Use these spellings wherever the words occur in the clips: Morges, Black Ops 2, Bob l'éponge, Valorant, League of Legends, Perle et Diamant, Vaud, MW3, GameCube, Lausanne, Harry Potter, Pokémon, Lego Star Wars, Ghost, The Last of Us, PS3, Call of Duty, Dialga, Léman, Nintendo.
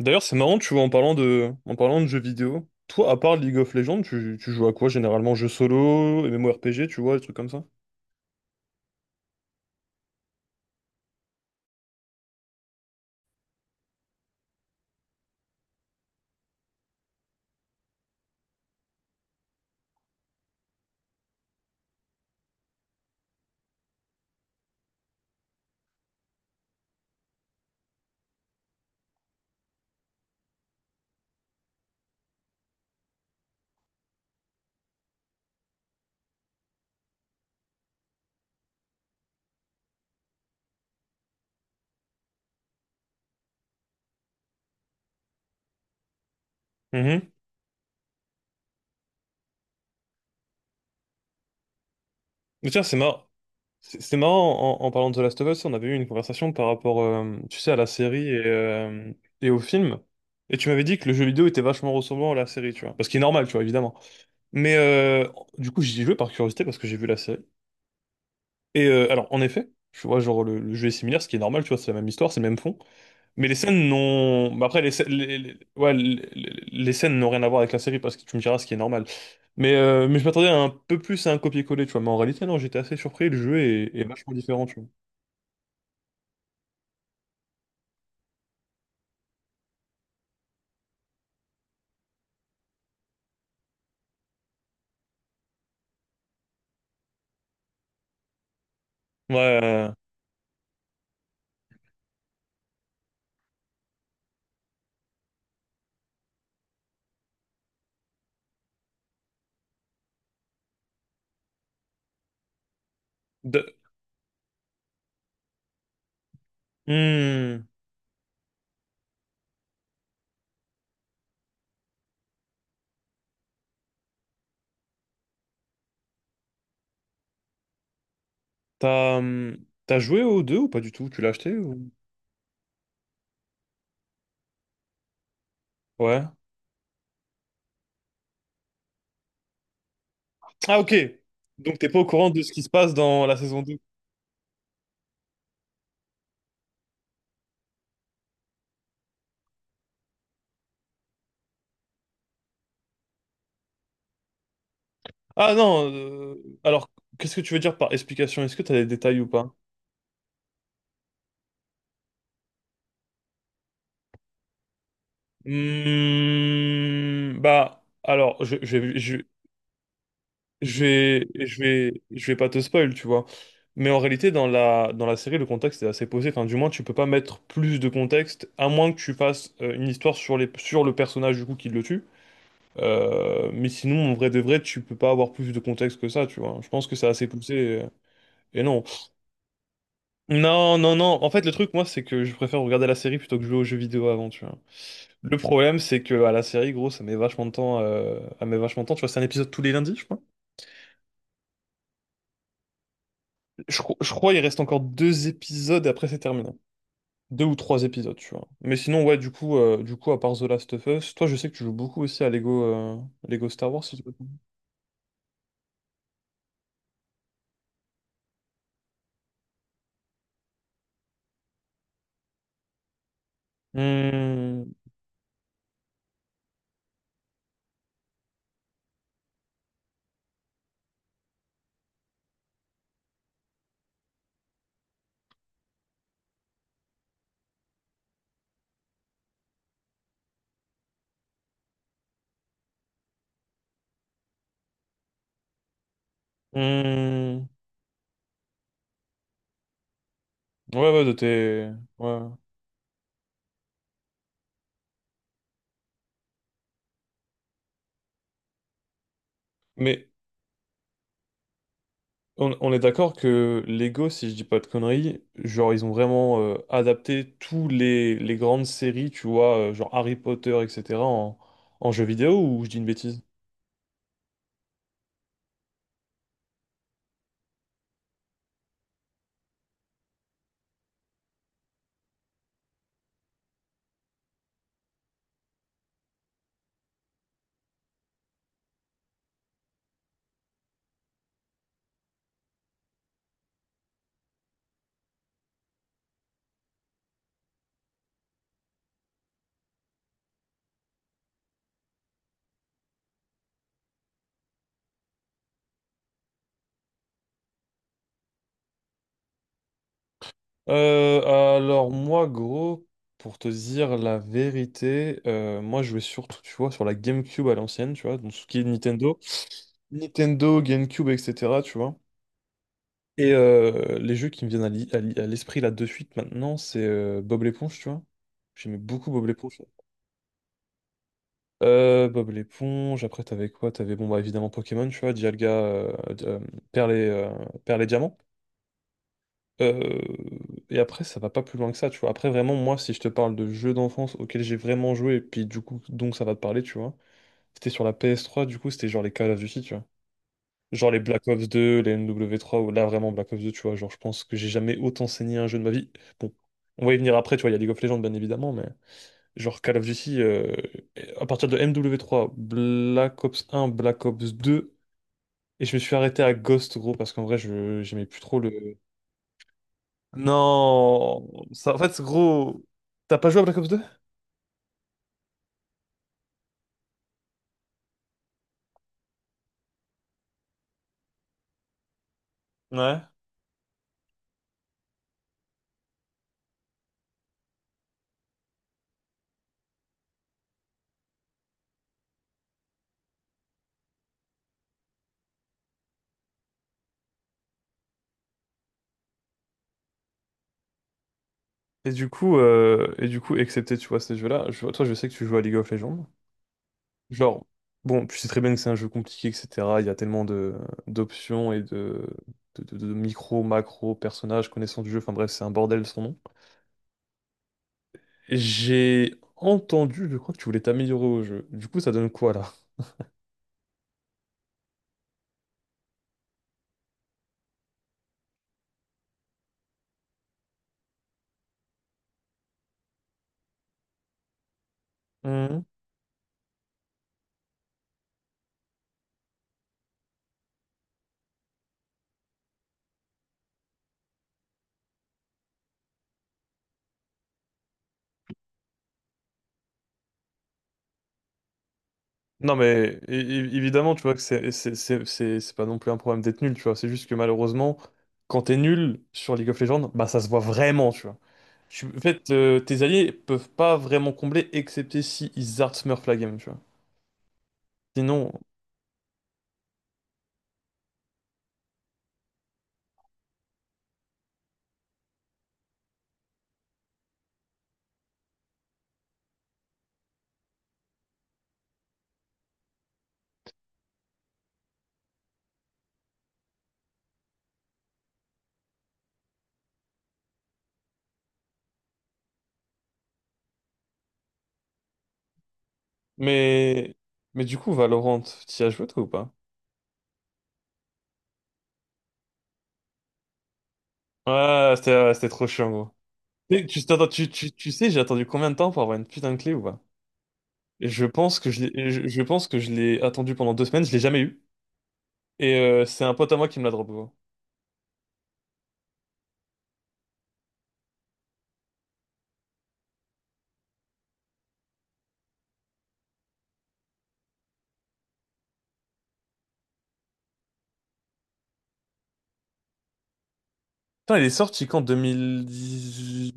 D'ailleurs, c'est marrant, tu vois, en parlant de jeux vidéo, toi, à part League of Legends, tu joues à quoi généralement? Jeux solo, MMORPG, tu vois, des trucs comme ça? Mhm. Mais tiens, c'est marrant. C'est marrant, en parlant de The Last of Us, on avait eu une conversation par rapport, tu sais, à la série et, et au film. Et tu m'avais dit que le jeu vidéo était vachement ressemblant à la série, tu vois. Parce qu'il est normal, tu vois, évidemment. Mais du coup, j'y ai joué par curiosité parce que j'ai vu la série. Et alors, en effet, tu vois, genre, le jeu est similaire, ce qui est normal, tu vois, c'est la même histoire, c'est le même fond. Mais les scènes n'ont. Bah après, les, scè- les scènes n'ont rien à voir avec la série parce que tu me diras ce qui est normal. Mais je m'attendais un peu plus à un copier-coller, tu vois. Mais en réalité, non, j'étais assez surpris. Le jeu est vachement différent, tu vois. Ouais. De- Hmm. T'as hum, t'as joué aux deux ou pas du tout? Tu l'as acheté ou? Ouais. Ah, ok. Donc, t'es pas au courant de ce qui se passe dans la saison 2. Ah non, alors qu'est-ce que tu veux dire par explication? Est-ce que tu as des détails ou pas? Bah, alors, je vais pas te spoil, tu vois. Mais en réalité, dans la série, le contexte est assez posé. Enfin, du moins, tu peux pas mettre plus de contexte, à moins que tu fasses une histoire sur le personnage du coup qui le tue. Mais sinon, en vrai de vrai, tu peux pas avoir plus de contexte que ça, tu vois. Je pense que c'est assez poussé. Et, non. Non, non, non. En fait, le truc, moi, c'est que je préfère regarder la série plutôt que jouer aux jeux vidéo avant, tu vois. Le problème, c'est que à la série, gros, ça met vachement de temps. Ça met vachement de temps. Tu vois, c'est un épisode tous les lundis, je crois. Je crois il reste encore deux épisodes et après c'est terminé. Deux ou trois épisodes, tu vois. Mais sinon, ouais, du coup, à part The Last of Us, toi, je sais que tu joues beaucoup aussi à Lego Star Wars, si tu peux. Hmm, hmm. Ouais, ouais, de tes. Ouais. Mais on est d'accord que Lego, si je dis pas de conneries, genre ils ont vraiment adapté tous les grandes séries, tu vois, genre Harry Potter, etc., en jeux vidéo ou je dis une bêtise? Euh, alors moi, gros, pour te dire la vérité, moi je jouais surtout, tu vois, sur la GameCube à l'ancienne, tu vois, donc ce qui est Nintendo. Nintendo, GameCube, etc., tu vois. Et les jeux qui me viennent à l'esprit là de suite maintenant, c'est Bob l'éponge, tu vois. J'aimais beaucoup Bob l'éponge. Bob l'éponge, après t'avais quoi? T'avais bon bah évidemment Pokémon, tu vois, Dialga Perle et, euh, Perle et Diamant. Euh, et après ça va pas plus loin que ça, tu vois. Après vraiment moi si je te parle de jeux d'enfance auxquels j'ai vraiment joué, et puis du coup donc ça va te parler, tu vois. C'était sur la PS3, du coup c'était genre les Call of Duty, tu vois. Genre les Black Ops 2, les MW3, ou là vraiment Black Ops 2, tu vois, genre je pense que j'ai jamais autant saigné un jeu de ma vie. Bon, on va y venir après, tu vois, il y a League of Legends bien évidemment, mais. Genre Call of Duty, à partir de MW3 Black Ops 1 Black Ops 2 et je me suis arrêté à Ghost, gros, parce qu'en vrai, je j'aimais plus trop le... Non! Ça, en fait, gros, t'as pas joué à Black Ops 2. Ouais. Et du coup, excepté, tu vois, ces jeux-là, toi, je sais que tu joues à League of Legends. Genre, bon, tu sais très bien que c'est un jeu compliqué, etc. Il y a tellement de d'options et de micro, macro, personnages, connaissance du jeu, enfin bref, c'est un bordel sans nom. J'ai entendu, je crois que tu voulais t'améliorer au jeu. Du coup, ça donne quoi là? Hmm. Non, mais évidemment, tu vois que c'est pas non plus un problème d'être nul, tu vois. C'est juste que malheureusement, quand t'es nul sur League of Legends, bah ça se voit vraiment, tu vois. En fait, tes alliés peuvent pas vraiment combler, excepté si ils art smurf la game, tu vois. Sinon, mais mais du coup, Valorant, t'y as joué toi ou pas? Ouais, c'était trop chiant, gros. Et Tu, t'attends- tu sais, j'ai attendu combien de temps pour avoir une putain de clé ou pas? Je pense que je l'ai attendu pendant 2 semaines, je l'ai jamais eu. Et c'est un pote à moi qui me l'a drop, gros. Putain, il est sorti quand? 2010?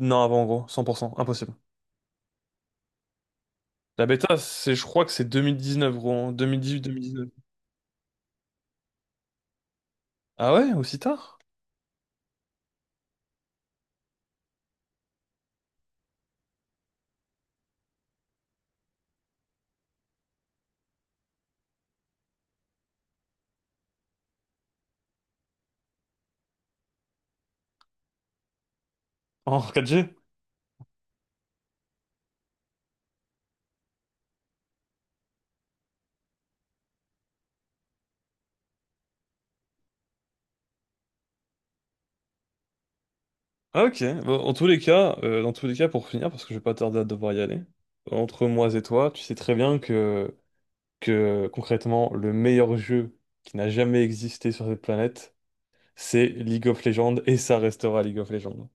Non, avant, gros, 100%, impossible. La bêta, c'est, je crois que c'est 2019, gros, 2018-2019. Ah ouais, aussi tard? En 4G. Ah ok, bon, en tous les cas, dans tous les cas, pour finir, parce que je vais pas tarder à devoir y aller, entre moi et toi, tu sais très bien que concrètement, le meilleur jeu qui n'a jamais existé sur cette planète, c'est League of Legends et ça restera League of Legends.